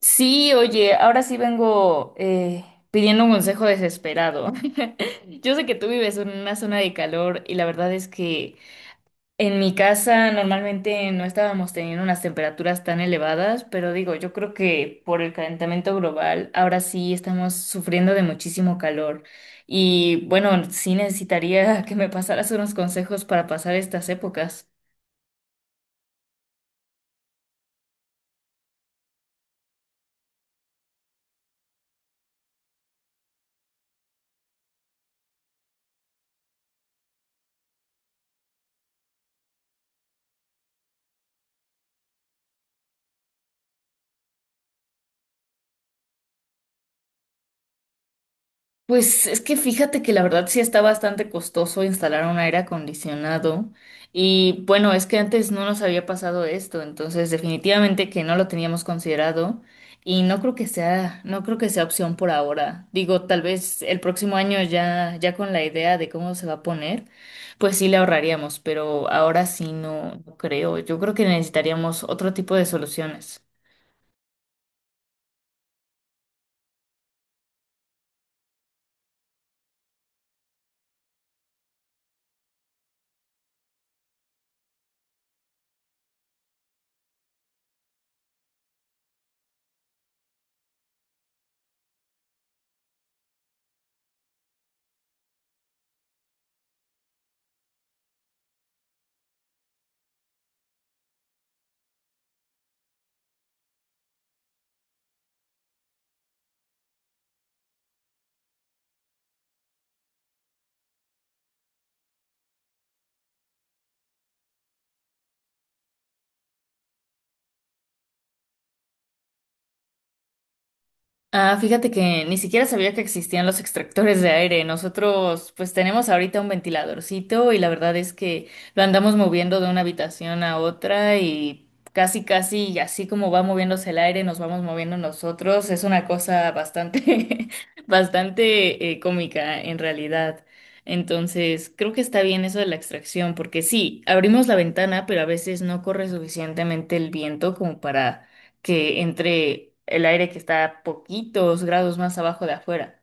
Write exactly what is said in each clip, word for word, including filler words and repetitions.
Sí, oye, ahora sí vengo eh, pidiendo un consejo desesperado. Yo sé que tú vives en una zona de calor y la verdad es que en mi casa normalmente no estábamos teniendo unas temperaturas tan elevadas, pero digo, yo creo que por el calentamiento global ahora sí estamos sufriendo de muchísimo calor. Y bueno, sí necesitaría que me pasaras unos consejos para pasar estas épocas. Pues es que fíjate que la verdad sí está bastante costoso instalar un aire acondicionado y bueno, es que antes no nos había pasado esto, entonces definitivamente que no lo teníamos considerado y no creo que sea, no creo que sea opción por ahora. Digo, tal vez el próximo año ya, ya con la idea de cómo se va a poner, pues sí le ahorraríamos, pero ahora sí no, no creo. Yo creo que necesitaríamos otro tipo de soluciones. Ah, fíjate que ni siquiera sabía que existían los extractores de aire. Nosotros pues tenemos ahorita un ventiladorcito y la verdad es que lo andamos moviendo de una habitación a otra y casi casi y así como va moviéndose el aire nos vamos moviendo nosotros. Es una cosa bastante bastante eh, cómica en realidad. Entonces creo que está bien eso de la extracción porque sí, abrimos la ventana pero a veces no corre suficientemente el viento como para que entre el aire que está a poquitos grados más abajo de afuera.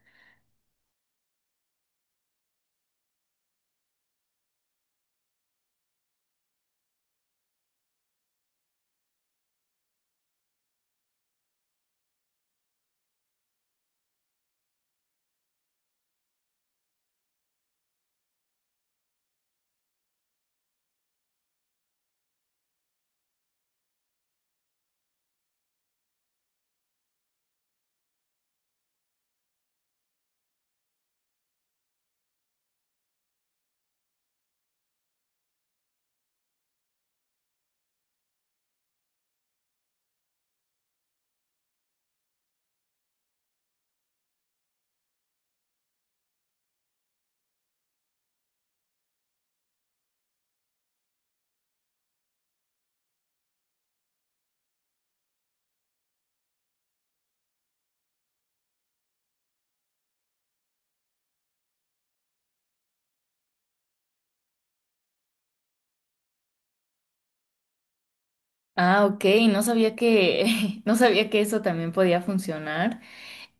Ah, ok, no sabía que, no sabía que eso también podía funcionar.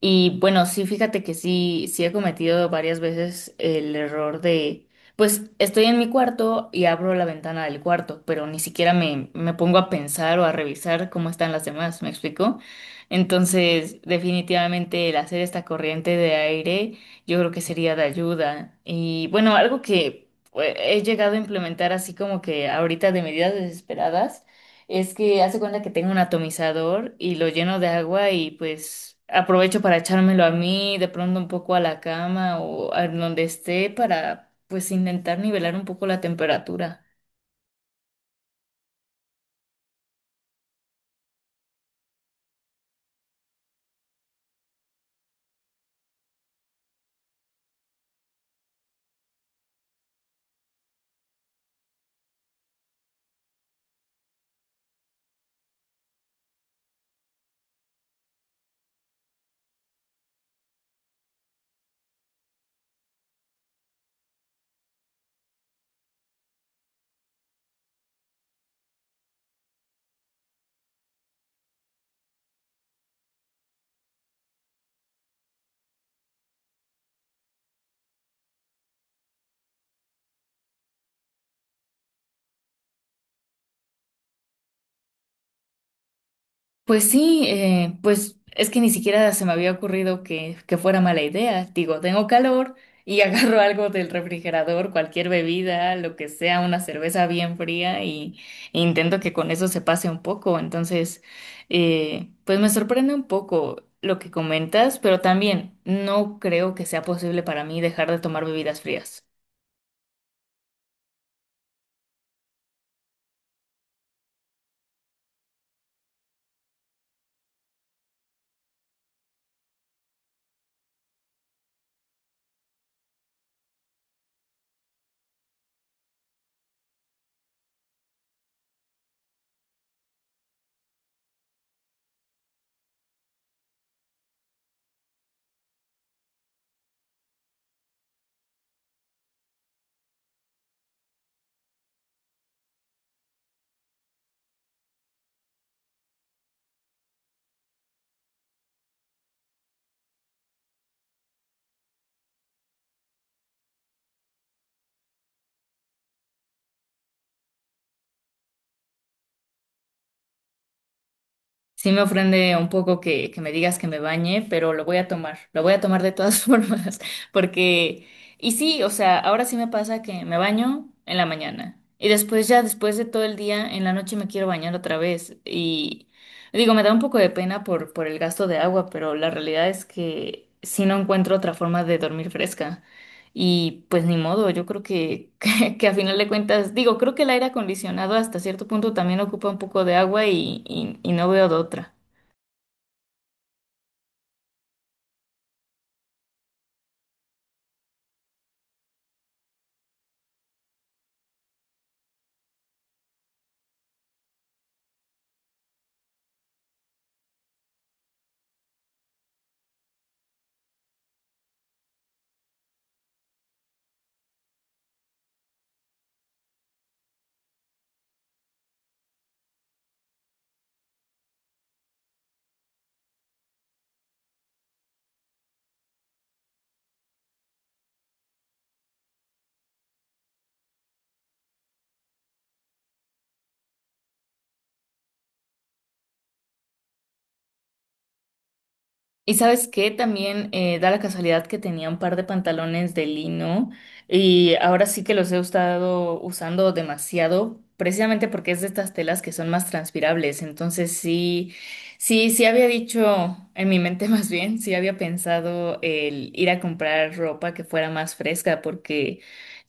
Y bueno, sí, fíjate que sí, sí he cometido varias veces el error de, pues estoy en mi cuarto y abro la ventana del cuarto, pero ni siquiera me, me pongo a pensar o a revisar cómo están las demás, ¿me explico? Entonces, definitivamente el hacer esta corriente de aire yo creo que sería de ayuda. Y bueno, algo que pues, he llegado a implementar así como que ahorita de medidas desesperadas. Es que hace cuenta que tengo un atomizador y lo lleno de agua y pues aprovecho para echármelo a mí, de pronto un poco a la cama o a donde esté para pues intentar nivelar un poco la temperatura. Pues sí, eh, pues es que ni siquiera se me había ocurrido que, que fuera mala idea. Digo, tengo calor y agarro algo del refrigerador, cualquier bebida, lo que sea, una cerveza bien fría y e intento que con eso se pase un poco. Entonces, eh, pues me sorprende un poco lo que comentas, pero también no creo que sea posible para mí dejar de tomar bebidas frías. Sí me ofende un poco que, que me digas que me bañe, pero lo voy a tomar, lo voy a tomar de todas formas, porque, y sí, o sea, ahora sí me pasa que me baño en la mañana y después ya, después de todo el día, en la noche me quiero bañar otra vez y digo, me da un poco de pena por, por el gasto de agua, pero la realidad es que sí no encuentro otra forma de dormir fresca y pues ni modo, yo creo que que a final de cuentas, digo, creo que el aire acondicionado hasta cierto punto también ocupa un poco de agua y, y- y no veo de otra. Y sabes qué, también eh, da la casualidad que tenía un par de pantalones de lino y ahora sí que los he estado usando demasiado, precisamente porque es de estas telas que son más transpirables. Entonces sí, sí, sí había dicho en mi mente más bien, sí había pensado el ir a comprar ropa que fuera más fresca, porque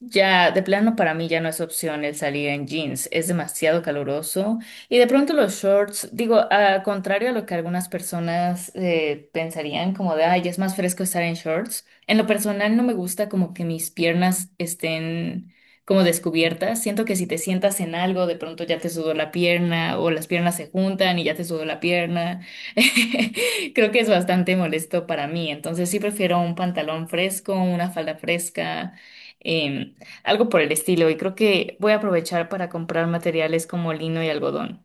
ya de plano para mí ya no es opción el salir en jeans, es demasiado caluroso. Y de pronto los shorts, digo, a contrario a lo que algunas personas eh, pensarían, como de, ay, es más fresco estar en shorts. En lo personal no me gusta como que mis piernas estén como descubiertas. Siento que si te sientas en algo, de pronto ya te sudó la pierna o las piernas se juntan y ya te sudó la pierna. Creo que es bastante molesto para mí. Entonces sí prefiero un pantalón fresco, una falda fresca. em, Algo por el estilo, y creo que voy a aprovechar para comprar materiales como lino y algodón.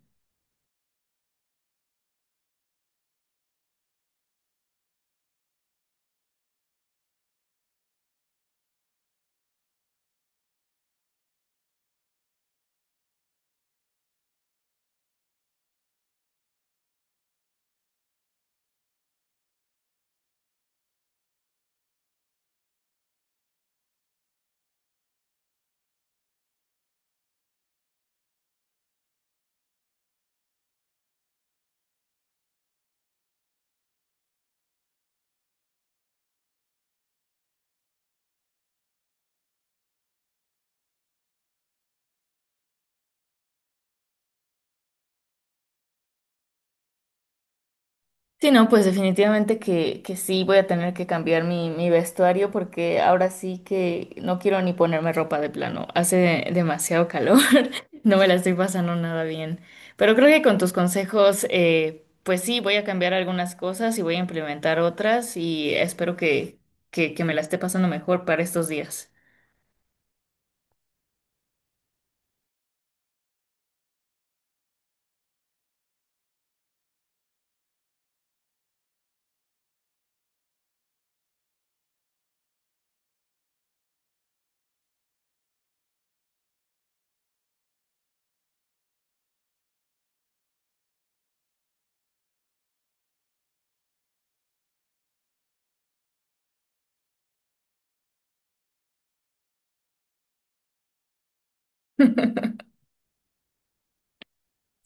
Sí, no, pues definitivamente que, que sí voy a tener que cambiar mi, mi vestuario porque ahora sí que no quiero ni ponerme ropa de plano. Hace demasiado calor, no me la estoy pasando nada bien. Pero creo que con tus consejos, eh, pues sí, voy a cambiar algunas cosas y voy a implementar otras y espero que, que, que me la esté pasando mejor para estos días.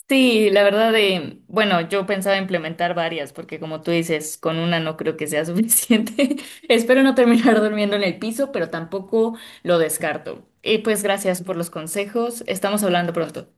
Sí, la verdad de, bueno, yo pensaba implementar varias, porque como tú dices, con una no creo que sea suficiente. Espero no terminar durmiendo en el piso, pero tampoco lo descarto. Y pues gracias por los consejos. Estamos hablando pronto.